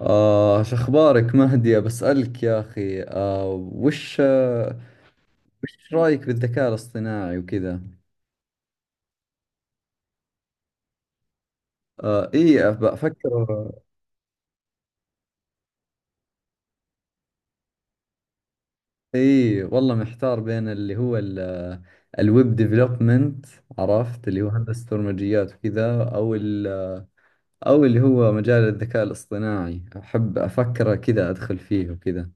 شو أخبارك مهدي؟ بسألك يا أخي. وش آه وش رأيك بالذكاء الاصطناعي وكذا؟ إيه بفكر. إيه والله محتار بين الويب ديفلوبمنت، عرفت، اللي هو هندسة برمجيات وكذا، أو اللي هو مجال الذكاء الاصطناعي. أحب أفكر كذا أدخل فيه وكذا.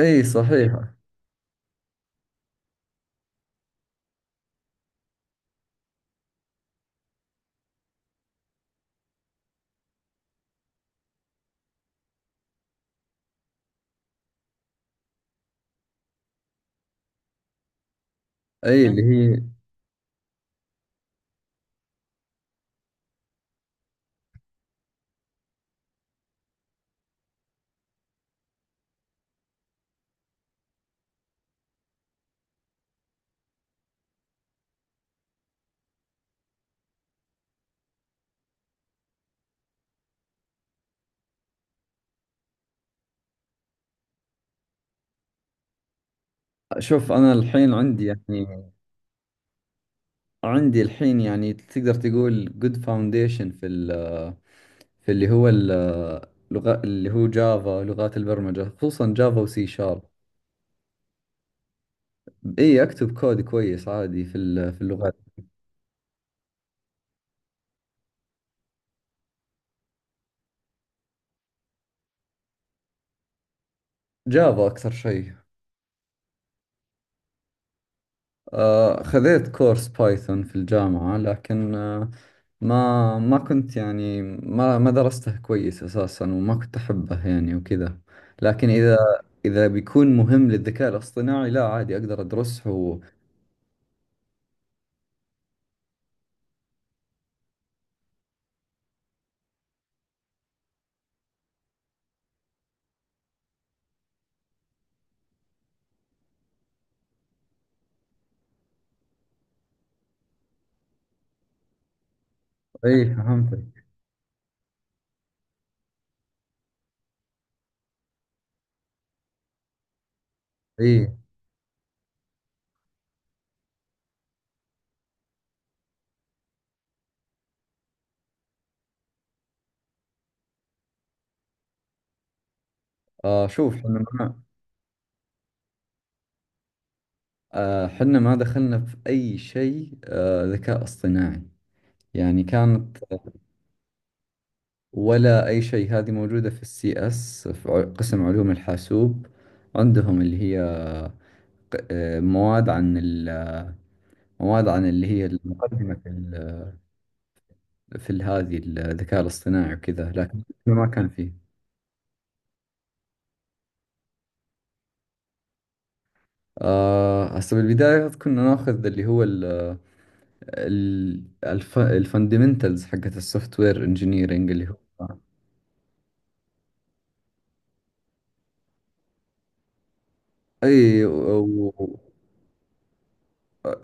إيه صحيح. إيه اللي هي. شوف، أنا الحين عندي يعني، عندي الحين يعني تقدر تقول good foundation في في اللي هو اللغة، اللي هو جافا، لغات البرمجة خصوصا جافا وسي شارب. اي اكتب كود كويس عادي في اللغات. جافا اكثر شيء. خذيت كورس بايثون في الجامعة، لكن آه، ما ما كنت يعني، ما درسته كويس أساسا وما كنت أحبه يعني وكذا. لكن إذا بيكون مهم للذكاء الاصطناعي، لا عادي أقدر أدرسه إيه فهمتك. ايه. آه شوف حنا ما آه، حنا ما دخلنا في اي شيء ذكاء اصطناعي. يعني كانت، ولا اي شيء. هذه موجودة في السي اس في، قسم علوم الحاسوب عندهم اللي هي، مواد مواد عن اللي هي المقدمة هذه الذكاء الاصطناعي وكذا، لكن إحنا ما كان فيه. هسه بالبداية كنا ناخذ اللي هو الفاندمنتالز حقت السوفت وير انجينيرنج اللي هو. اي و... و-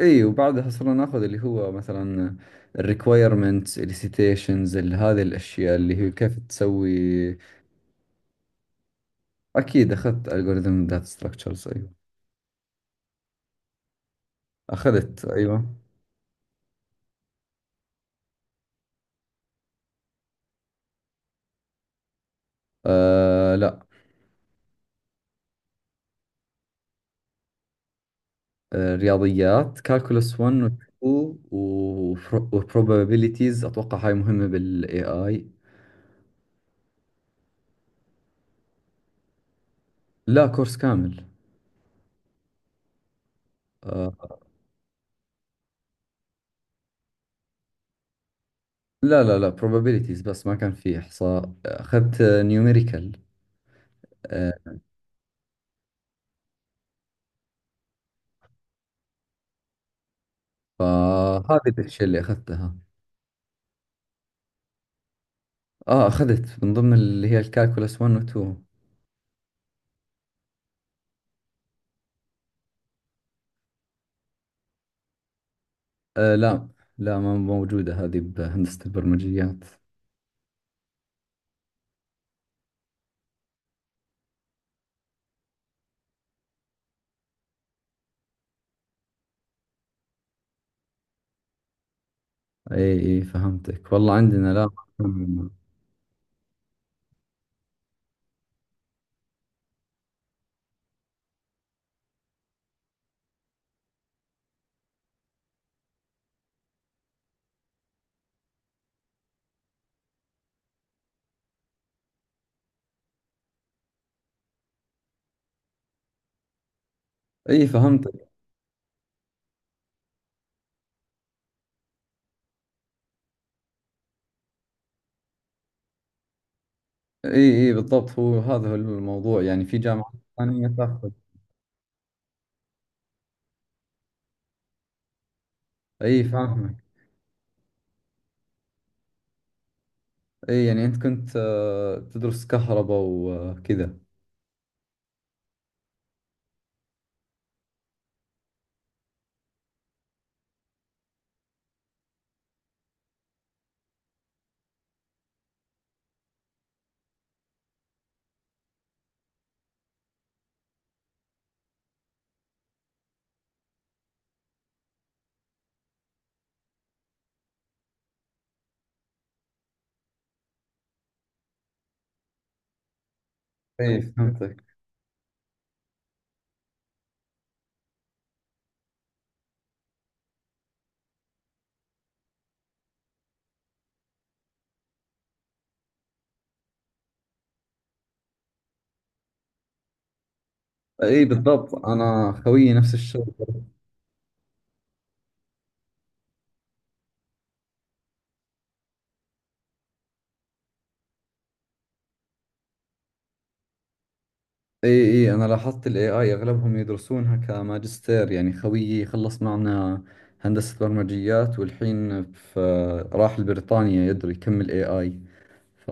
اي، وبعدها صرنا ناخذ اللي هو مثلا الريكوايرمنتس السيتيشنز، هذه الاشياء اللي هي كيف تسوي. اكيد اخذت الجوريثم داتا ستراكشرز ايوه. اخذت ايوه. آه لا. آه رياضيات، كالكولس 1 و 2، وبروبابيليتيز، اتوقع هاي مهمة بالاي اي. لا كورس كامل. آه. لا لا لا، probabilities بس، ما كان في إحصاء، أخذت نيوميريكال. فهذه الأشياء اللي أخذتها. أخذت من ضمن اللي هي الكالكولس 1 و 2. آه لا. لا ما موجودة هذه بهندسة البرمجيات. إي إي فهمتك، والله عندنا لا. إي فهمتك. إي إي بالضبط، هو هذا هو الموضوع يعني، في جامعات ثانية تاخذ. إي فاهمك. إي، يعني أنت كنت تدرس كهرباء وكذا؟ إي فهمتك. إي بالضبط، أنا خويي نفس الشيء. اي اي، انا لاحظت الاي اي اغلبهم يدرسونها كماجستير يعني. خويي خلص معنا هندسة برمجيات، والحين في، راح لبريطانيا يدري يكمل اي اي. ف،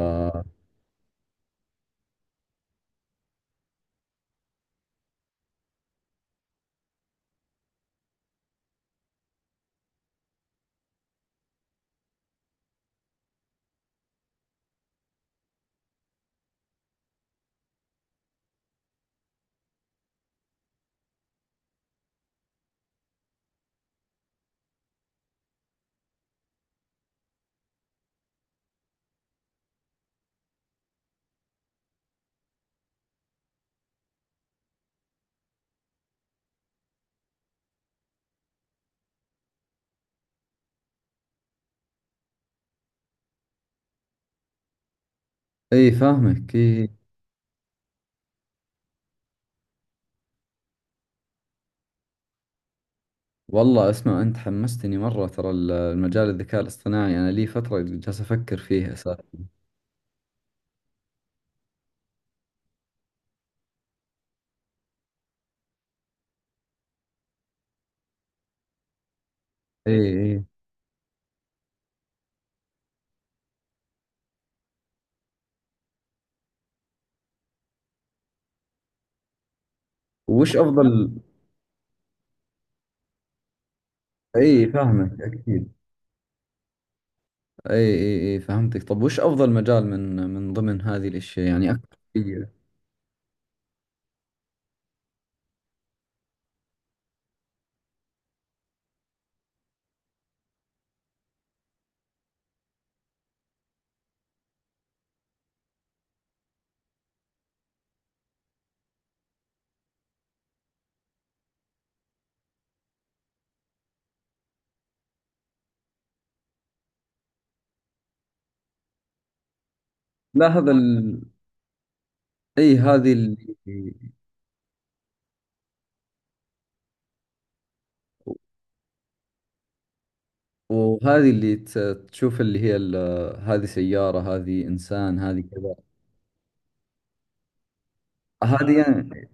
اي فاهمك. اي. والله اسمع، انت حمستني مرة ترى المجال الذكاء الاصطناعي، انا لي فترة جالس افكر فيه اساسا. اي اي. وش افضل؟ اي فاهمك اكيد. اي اي اي فهمتك. طب وش افضل مجال من من ضمن هذه الاشياء يعني، اكثر شيء؟ لا هذا ال... اي هذه اللي وهذه اللي تشوف هذه سيارة، هذه إنسان، هذه كذا. هذه يعني.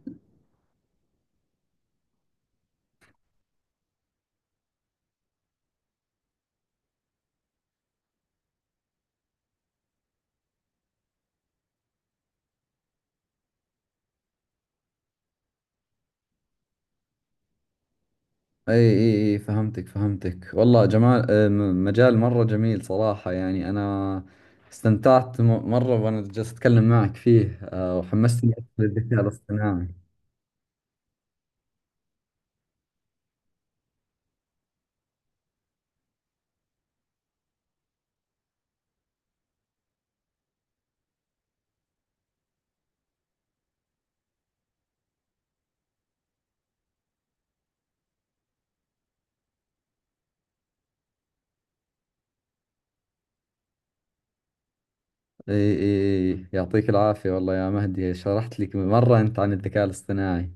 اي اي اي فهمتك فهمتك والله. جمال، مجال مرة جميل صراحة يعني. أنا استمتعت مرة وأنا جالس أتكلم معك فيه، وحمستني أكثر للذكاء الاصطناعي. اي اي اي، يعطيك العافية والله يا مهدي، شرحت لك مرة أنت عن الذكاء الاصطناعي.